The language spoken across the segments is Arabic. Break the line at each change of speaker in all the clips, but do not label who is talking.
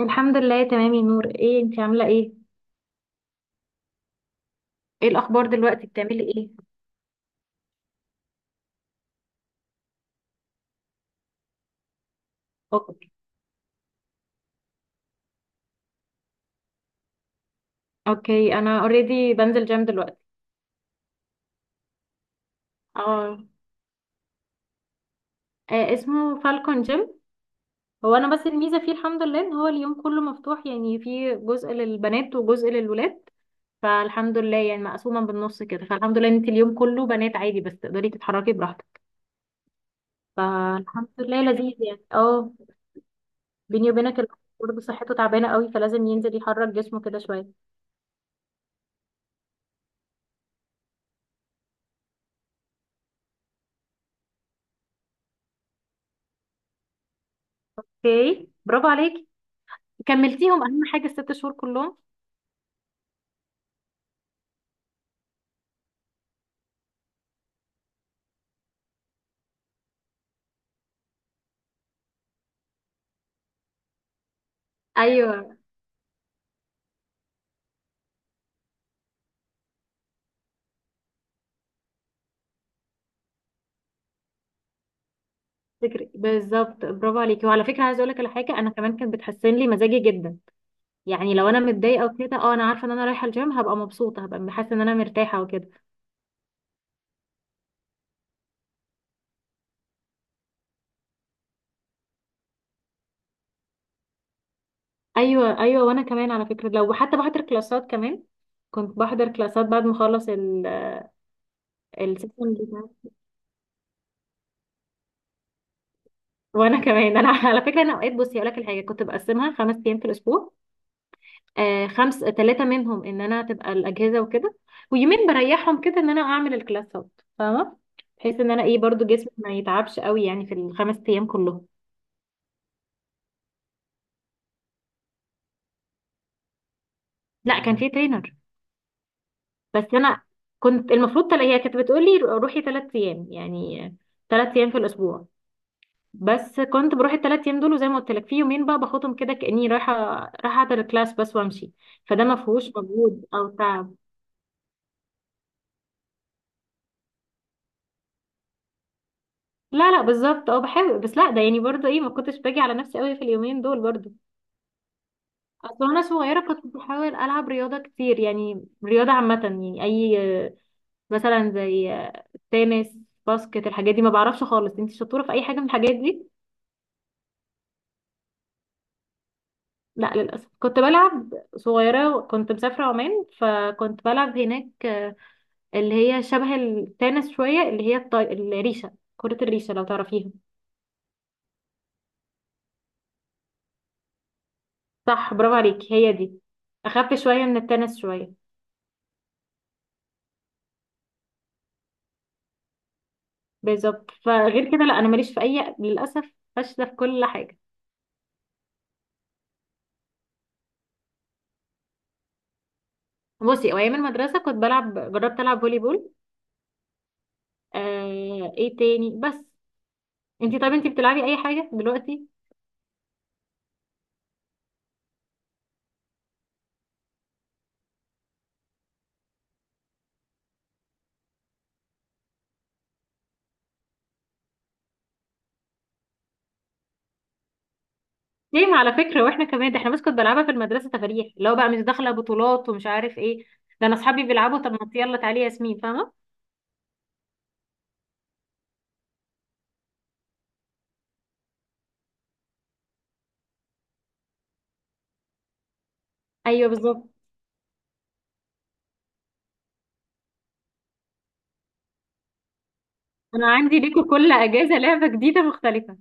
الحمد لله تمام يا نور. ايه انتي عامله ايه؟ ايه الاخبار دلوقتي؟ بتعملي ايه؟ اوكي اوكي، انا اوريدي بنزل جيم دلوقتي. اه. آه، اسمه فالكون جيم. هو انا بس الميزه فيه الحمد لله ان هو اليوم كله مفتوح، يعني فيه جزء للبنات وجزء للولاد، فالحمد لله يعني مقسومه بالنص كده. فالحمد لله ان انت اليوم كله بنات، عادي بس تقدري تتحركي براحتك. فالحمد لله لذيذ يعني، اه. بيني وبينك الواحد برضه صحته تعبانه قوي، فلازم ينزل يحرك جسمه كده شويه. اوكي، برافو عليكي. كملتيهم؟ اهم حاجه الست شهور كلهم. ايوه، فكرة. بالظبط، برافو عليكي، وعلى فكره عايزه اقول لك على حاجه، انا كمان كانت بتحسن لي مزاجي جدا. يعني لو انا متضايقه وكده انا عارفه ان انا رايحه الجيم هبقى مبسوطه، هبقى حاسه ان انا مرتاحه وكده. ايوه ايوه، وانا كمان على فكره، لو حتى بحضر كلاسات كمان. كنت بحضر كلاسات بعد ما اخلص السيشن بتاعي. وانا كمان انا على فكره، انا اوقات بصي اقول لك الحاجه، كنت بقسمها خمس ايام في الاسبوع. آه، خمس، ثلاثة منهم ان انا تبقى الاجهزة وكده، ويومين بريحهم كده ان انا اعمل الكلاسات، فاهمة؟ بحيث ان انا ايه برضو جسمي ما يتعبش قوي يعني في الخمس ايام كلهم. لا، كان في ترينر. بس انا كنت المفروض تلا، هي كانت بتقولي روحي ثلاث ايام يعني، ثلاث ايام في الاسبوع. بس كنت بروح الثلاث ايام دول، وزي ما قلت لك في يومين بقى باخدهم كده كاني رايحه احضر الكلاس بس وامشي، فده ما فيهوش مجهود او تعب. لا لا، بالظبط، بحاول بس لا ده يعني برضو ايه ما كنتش باجي على نفسي قوي في اليومين دول برضو. اصل وانا صغيره كنت بحاول العب رياضه كتير، يعني رياضه عامه يعني اي، مثلا زي تنس، باسكت، الحاجات دي. ما بعرفش خالص، انت شطوره في اي حاجه من الحاجات دي؟ لا للاسف، كنت بلعب صغيره، كنت مسافره عمان، فكنت بلعب هناك اللي هي شبه التنس شويه، اللي هي الريشه، كره الريشه، لو تعرفيها. صح، برافو عليكي، هي دي. اخف شويه من التنس شويه. بالظبط. فغير كده لا، انا ماليش في اي، للاسف فاشله في كل حاجه. بصي، هو ايام المدرسه كنت بلعب، جربت العب فولي بول، آه، ايه تاني بس. انتي طب انتي بتلعبي اي حاجه دلوقتي؟ ليه؟ ما على فكره واحنا كمان، ده احنا بس كنت بلعبها في المدرسه تفاريح، لو بقى مش داخله بطولات ومش عارف ايه، ده انا اصحابي بيلعبوا طب ما يلا تعالي يا ياسمين، فاهمه؟ ايوه بالظبط، انا عندي ليكوا كل اجازه لعبه جديده مختلفه.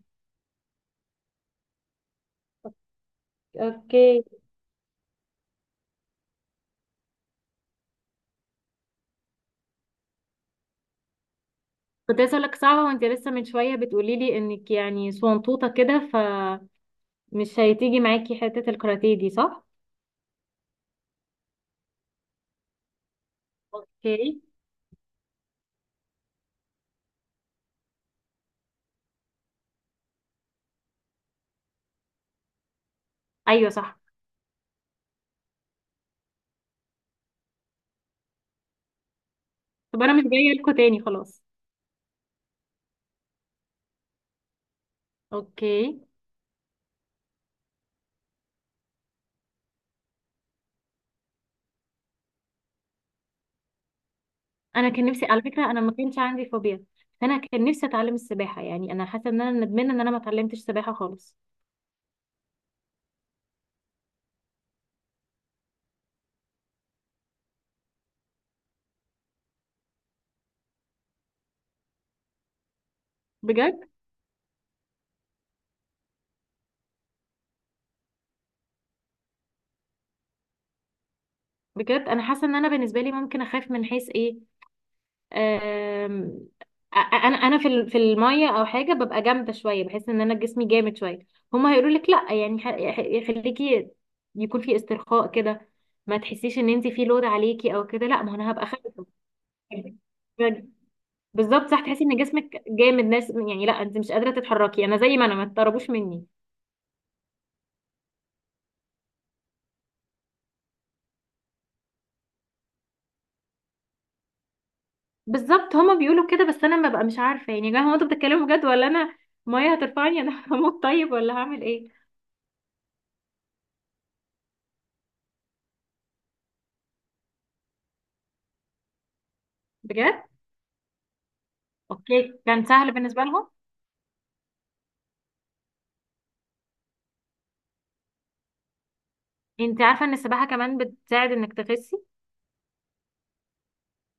اوكي. كنت عايزه اقول لك صعبه، وانت لسه من شويه بتقولي لي انك يعني صنطوطه كده، فمش هتيجي معاكي حته الكاراتيه دي، صح؟ اوكي. ايوه صح. طب انا مش جايه لكم تاني خلاص. اوكي. انا كان نفسي على فكره، انا ما كانش عندي فوبيا، فانا كان نفسي اتعلم السباحه، يعني انا حاسه ان انا ندمانه ان انا ما اتعلمتش سباحه خالص. بجد. بجد، انا حاسه ان انا بالنسبه لي ممكن اخاف من حيث ايه. أم... انا في الميه او حاجه ببقى جامده شويه، بحس ان انا جسمي جامد شويه. هما هيقولوا لك لا يعني، خليكي يكون في استرخاء كده، ما تحسيش ان انت في لود عليكي او كده، لا ما انا هبقى خايفه. بالظبط صح، تحسي ان جسمك جامد ناس، يعني لا انت مش قادره تتحركي، انا زي ما انا، ما تقربوش مني. بالظبط، هما بيقولوا كده بس انا ببقى مش عارفه، يعني يا جماعه هو انتوا بتتكلموا بجد ولا انا؟ ميه هترفعني انا هموت طيب، ولا هعمل ايه؟ بجد. اوكي، كان سهل بالنسبه لهم. انت عارفه ان السباحه كمان بتساعد انك تخسي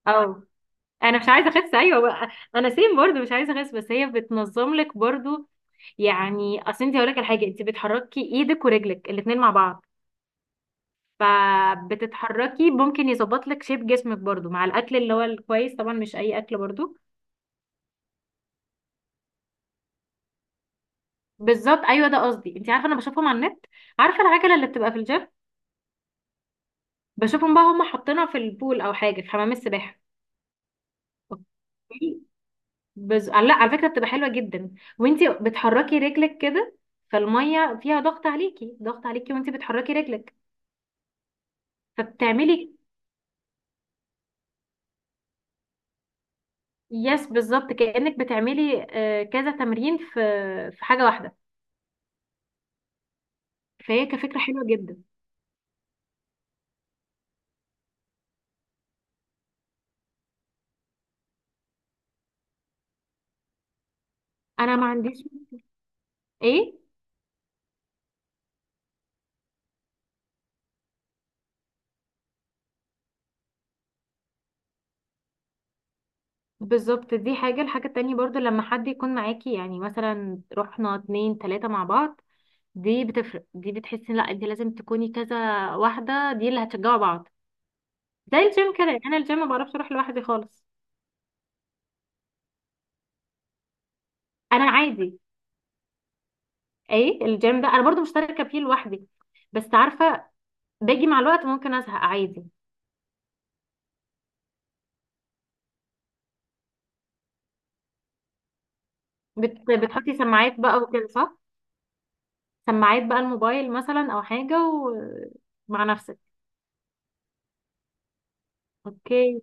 او... انا مش عايزه اخس، ايوه بقى، انا سيم برضو مش عايزه اخس، بس هي بتنظم لك برضو. يعني اصل انت هقول لك على حاجه، انت بتحركي ايدك ورجلك الاثنين مع بعض، فبتتحركي ممكن يظبط لك شيب جسمك برضو مع الاكل اللي هو الكويس طبعا، مش اي اكل برضو. بالظبط ايوه، ده قصدي، انت عارفه انا بشوفهم على النت، عارفه العجله اللي بتبقى في الجيم؟ بشوفهم بقى هم حاطينها في البول او حاجه في حمام السباحه. اوكي. لا على فكره، بتبقى حلوه جدا، وانت بتحركي رجلك كده، فالميه فيها ضغط عليكي، ضغط عليكي وانت بتحركي رجلك فبتعملي. يس، بالظبط، كانك بتعملي كذا تمرين في حاجه واحده، فهي كفكره حلوه جدا. انا ما عنديش، ايه. بالظبط، دي حاجة، الحاجة التانية برضو لما حد يكون معاكي، يعني مثلا رحنا اتنين تلاتة مع بعض، دي بتفرق، دي بتحسي لا انت لازم تكوني كذا واحدة، دي اللي هتشجعوا بعض. زي الجيم كده، يعني انا الجيم ما بعرفش اروح لوحدي خالص. انا عادي، ايه، الجيم ده انا برضو مشتركة فيه لوحدي، بس عارفة باجي مع الوقت ممكن ازهق عادي. بتحطي سماعات بقى وكده، صح؟ سماعات بقى الموبايل مثلا او حاجة، ومع نفسك. اوكي.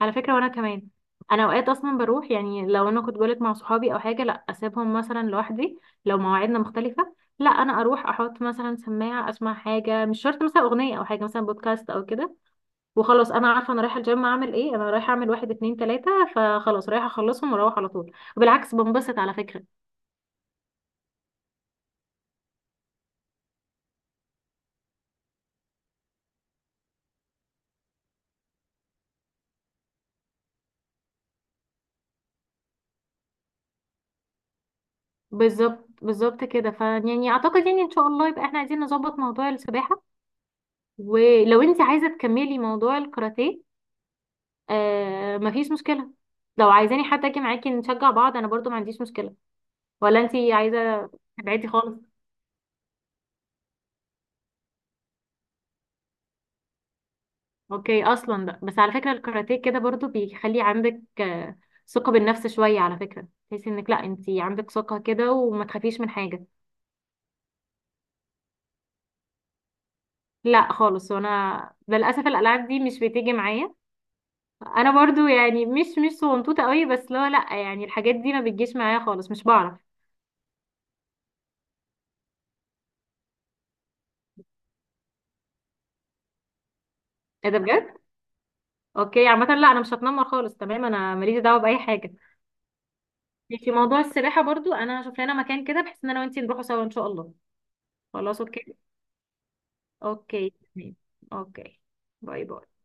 على فكرة وانا كمان، انا اوقات اصلا بروح، يعني لو انا كنت بقولك مع صحابي او حاجة، لا اسيبهم مثلا لوحدي، لو مواعيدنا مختلفة لا انا اروح، احط مثلا سماعة اسمع حاجة، مش شرط مثلا اغنية او حاجة، مثلا بودكاست او كده، وخلاص انا عارفة انا رايحة الجيم اعمل ايه، انا رايحة اعمل واحد اتنين تلاتة، فخلاص رايحة اخلصهم واروح على طول، وبالعكس بنبسط على فكرة. بالظبط بالظبط كده، فيعني اعتقد يعني ان شاء الله يبقى احنا عايزين نظبط موضوع السباحة، ولو انت عايزة تكملي موضوع الكاراتيه آه مفيش مشكلة، لو عايزاني حتى اجي معاكي نشجع بعض انا برضو ما عنديش مشكلة، ولا انتي عايزة تبعدي خالص؟ اوكي اصلا بقى. بس على فكرة الكاراتيه كده برضو بيخلي عندك ثقة بالنفس شوية، على فكرة تحسي انك لا انتي عندك ثقة كده وما تخافيش من حاجة. لا خالص، وانا للاسف الالعاب دي مش بتيجي معايا، انا برضو يعني مش صغنطوطة قوي، بس لا لا يعني الحاجات دي ما بتجيش معايا خالص، مش بعرف. ايه ده بجد؟ اوكي، عامة لا انا مش هتنمر خالص تمام، انا ماليش دعوة بأي حاجة. يعني في موضوع السباحة برضو انا هشوف لنا مكان كده بحيث ان انا وانتي نروحوا سوا ان شاء الله. خلاص اوكي. اوكي تمام. اوكي. باي باي.